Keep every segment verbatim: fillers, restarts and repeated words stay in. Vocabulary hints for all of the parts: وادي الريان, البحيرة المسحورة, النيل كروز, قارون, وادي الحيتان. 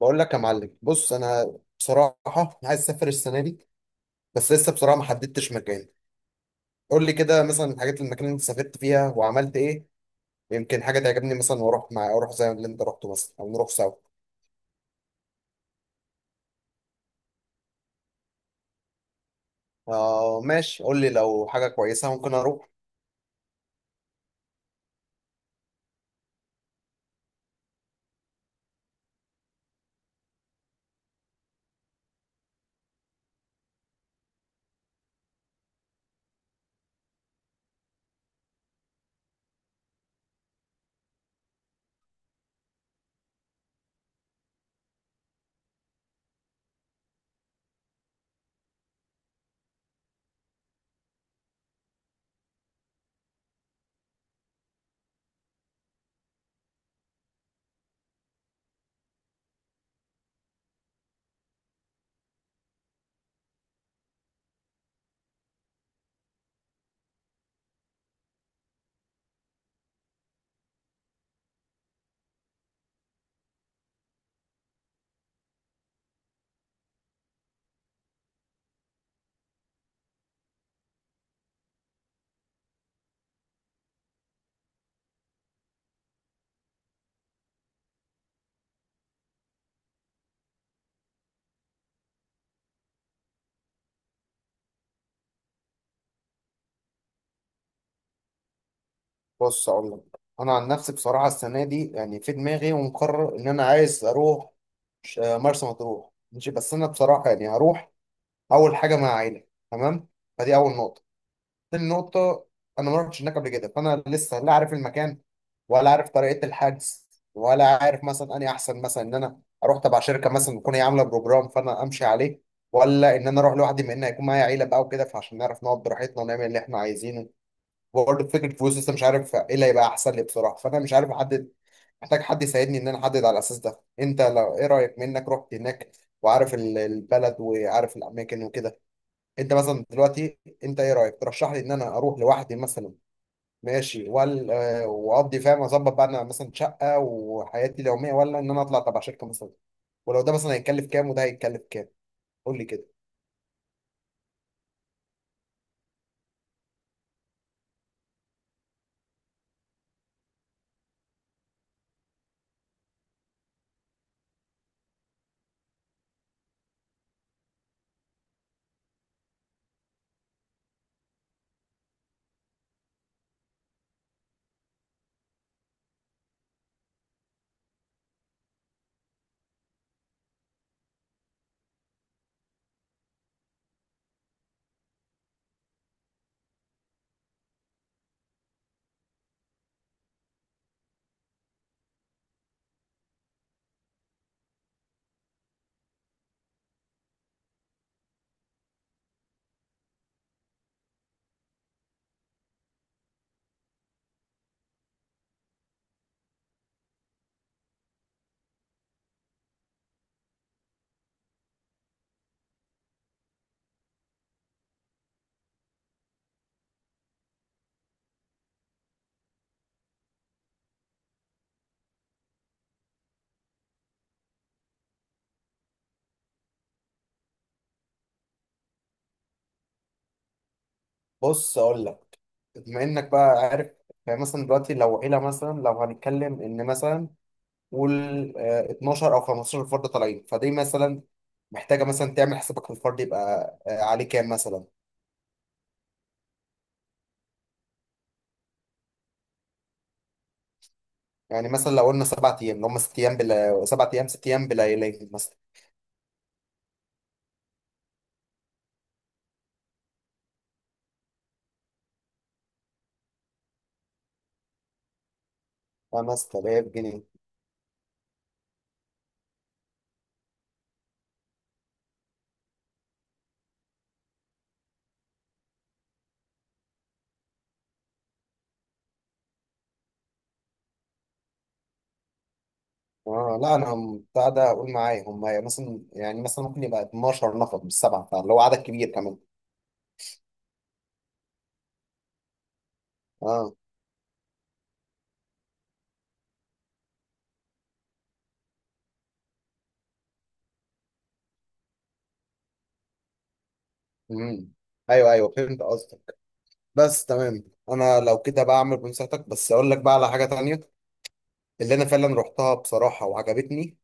بقول لك يا معلم، بص، انا بصراحه عايز اسافر السنه دي، بس لسه بصراحه ما حددتش مكان. قول لي كده مثلا الحاجات، المكان اللي انت سافرت فيها وعملت ايه. يمكن حاجه تعجبني مثلا واروح، مع اروح زي اللي انت رحته مثلا، او نروح سوا. آه ماشي، قول لي لو حاجه كويسه ممكن اروح. بص اقول لك، انا عن نفسي بصراحه السنه دي يعني في دماغي ومقرر ان انا عايز اروح. ش- آه، مرسى مطروح، ماشي، بس انا بصراحه يعني هروح اول حاجه مع عائله، تمام؟ فدي اول نقطه. تاني نقطة، أنا ما رحتش هناك قبل كده، فأنا لسه لا عارف المكان، ولا عارف طريقة الحجز، ولا عارف مثلا أني أحسن مثلا إن أنا أروح تبع شركة مثلا تكون هي عاملة بروجرام فأنا أمشي عليه، ولا إن أنا أروح لوحدي، بما إن هيكون معايا عيلة بقى وكده، فعشان نعرف نقعد براحتنا ونعمل اللي إحنا عايزينه. وبرضه فكرة فلوس، لسه مش عارف إيه اللي هيبقى أحسن لي بصراحة، فأنا مش عارف أحدد. محتاج حد يساعدني إن أنا أحدد على الأساس ده. أنت لو إيه رأيك، منك رحت هناك وعارف ال- البلد وعارف الأماكن وكده. انت مثلا دلوقتي انت ايه رايك، ترشح لي ان انا اروح لوحدي مثلا ماشي، وال آه، واقضي، فاهم، اظبط بقى انا مثلا شقه وحياتي اليوميه، ولا ان انا اطلع تبع شركه مثلا؟ ولو ده مثلا هيتكلف كام وده هيتكلف كام؟ قول لي كده. بص اقول لك، بما انك بقى عارف. مثلا دلوقتي لو عيله، مثلا لو هنتكلم ان مثلا، قول، آه، اتناشر او خمستاشر فرد طالعين، فدي مثلا محتاجه مثلا تعمل حسابك في الفرد، يبقى آه، عليه كام مثلا؟ يعني مثلا لو قلنا سبع ايام، اللي هم ست ايام، بلا سبع ايام ست ايام بليالي مثلا، خمسة آلاف جنيه؟ اه لا، انا م- بتاع ده اقول معايا هم يعني مثلا، يعني مثلا ممكن يبقى اتناشر نفر مش سبعه، فاللي هو عدد كبير كمان. اه. امم ايوه ايوه، فهمت قصدك، بس تمام. انا لو كده بعمل بنصيحتك، بس اقول لك بقى على حاجه تانية اللي انا فعلا رحتها بصراحه وعجبتني.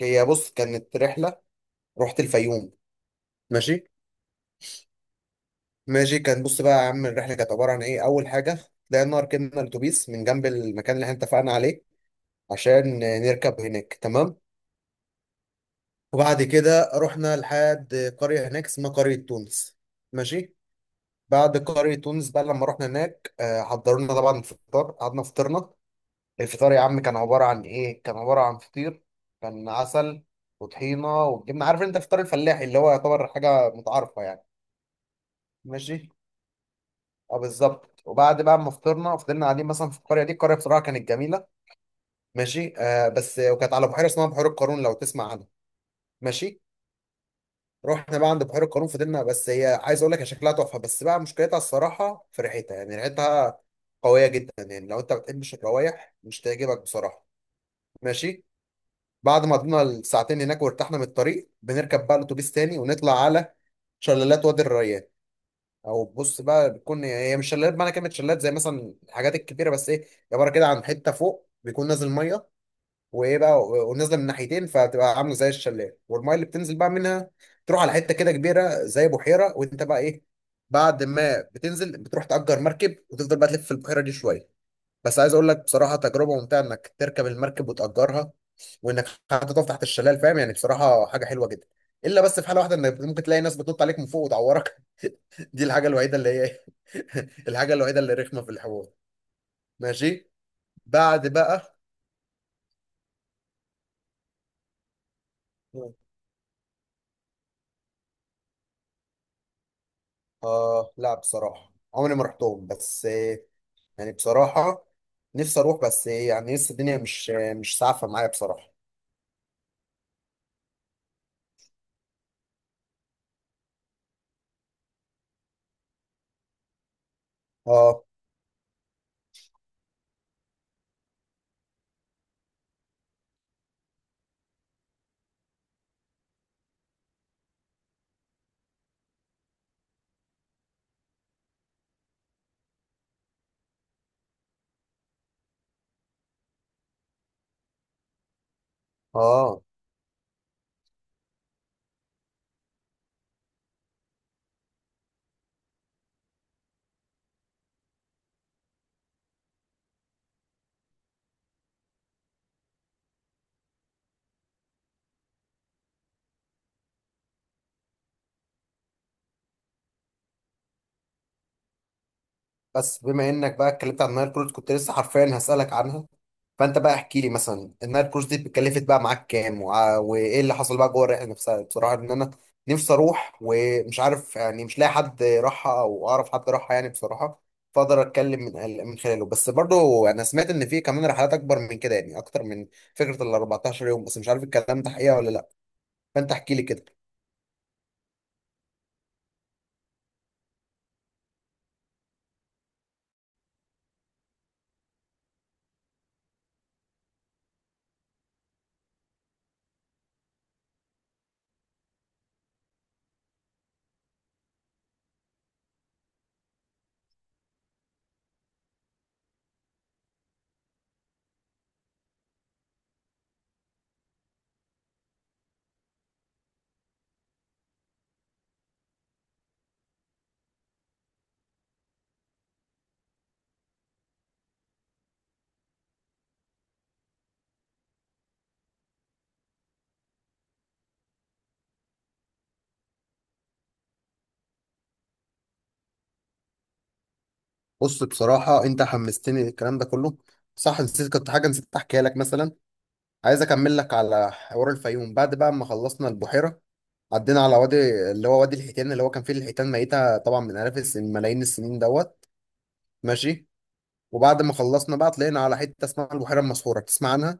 هي بص، كانت رحله، رحت الفيوم، ماشي؟ ماشي. كان بص بقى يا عم، الرحله كانت عباره عن ايه اول حاجه؟ طلعنا ركبنا الاتوبيس من جنب المكان اللي احنا اتفقنا عليه عشان نركب هناك، تمام. وبعد كده رحنا لحد قريه هناك اسمها قريه تونس، ماشي. بعد قريه تونس بقى لما رحنا هناك، آه، حضروا لنا طبعا الفطار، قعدنا فطرنا. الفطار يا عم كان عباره عن ايه؟ كان عباره عن فطير، كان عسل، وطحينه، وجبنه، عارف انت فطار الفلاحي اللي هو يعتبر حاجه متعارفه يعني. ماشي. اه بالظبط. وبعد بقى ما فطرنا، فضلنا قاعدين مثلا في القريه دي. القريه بصراحه كانت جميله، ماشي، آه، بس وكانت على بحيره اسمها بحيره قارون، لو تسمع عنها. ماشي. رحنا بقى عند بحيره قارون، فضلنا، بس هي عايز اقول لك، هي شكلها تحفه، بس بقى مشكلتها الصراحه في ريحتها، يعني ريحتها قويه جدا، يعني لو انت ما بتحبش الروايح مش تعجبك بصراحه. ماشي. بعد ما قضينا الساعتين هناك وارتحنا من الطريق، بنركب بقى الاتوبيس تاني ونطلع على شلالات وادي الريان. او بص بقى، بتكون هي مش شلالات بمعنى كلمه شلالات زي مثلا الحاجات الكبيره، بس ايه، عباره كده عن حته فوق بيكون نازل ميه، وايه بقى، و- ونازله من ناحيتين، فبتبقى عامله زي الشلال، والميه اللي بتنزل بقى منها تروح على حته كده كبيره زي بحيره. وانت بقى ايه، بعد ما بتنزل بتروح تأجر مركب وتفضل بقى تلف في البحيره دي شويه. بس عايز اقول لك بصراحه، تجربه ممتعه انك تركب المركب وتأجرها، وانك حتى تقف تحت الشلال، فاهم يعني، بصراحه حاجه حلوه جدا. الا بس في حاله واحده، انك ممكن تلاقي ناس بتنط عليك من فوق وتعورك، دي الحاجة الوحيدة اللي هي إيه؟ الحاجة الوحيدة اللي رخمة في الحوار. ماشي. بعد بقى، آه لا بصراحة عمري ما رحتهم، بس آه، يعني بصراحة نفسي أروح، بس آه، يعني لسه الدنيا مش، آه، مش سعفة معايا بصراحة. آه آه. بس بما انك بقى اتكلمت عن النايل كروز، كنت لسه حرفيا هسألك عنها. فانت بقى احكي لي مثلا، النايل كروز دي اتكلفت بقى معاك كام، وع- وايه اللي حصل بقى جوه الرحله نفسها، بصراحه ان انا نفسي اروح ومش عارف، يعني مش لاقي حد راحها او اعرف حد راحها يعني بصراحه، فاقدر اتكلم من من خلاله. بس برضو انا سمعت ان في كمان رحلات اكبر من كده، يعني اكتر من فكره ال اربعتاشر يوم، بس مش عارف الكلام ده حقيقه ولا لا، فانت احكي لي كده. بص بصراحه انت حمستني الكلام ده كله. صح نسيت، كنت حاجه نسيت احكيها لك مثلا، عايز اكمل لك على حوار الفيوم. بعد بقى ما خلصنا البحيره، عدينا على وادي، اللي هو وادي الحيتان، اللي هو كان فيه الحيتان ميته طبعا من الاف السنين، ملايين السنين دوت. ماشي. وبعد ما خلصنا بقى طلعنا على حته اسمها البحيره المسحوره، تسمع عنها؟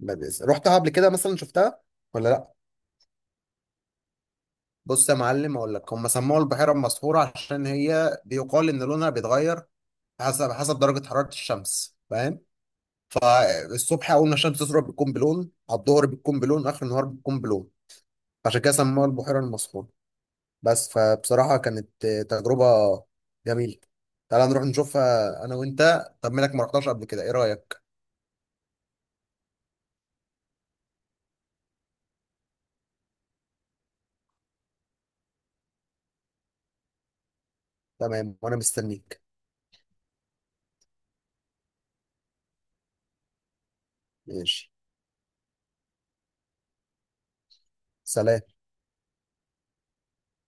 ما بيس- رحتها قبل كده مثلا، شفتها ولا لا؟ بص يا معلم اقول لك، هم سموها البحيره المسحوره عشان هي بيقال ان لونها بيتغير حسب، حسب درجه حراره الشمس، فاهم؟ الصبح اول ما الشمس تظهر بتكون بلون، على الظهر بتكون بلون، اخر النهار بتكون بلون، عشان كده سموها البحيره المسحوره. بس فبصراحة كانت تجربة جميلة. تعالى نروح نشوفها أنا وأنت، طب مالك ما رحتهاش قبل كده، إيه رأيك؟ تمام وأنا مستنيك. ماشي. سلام.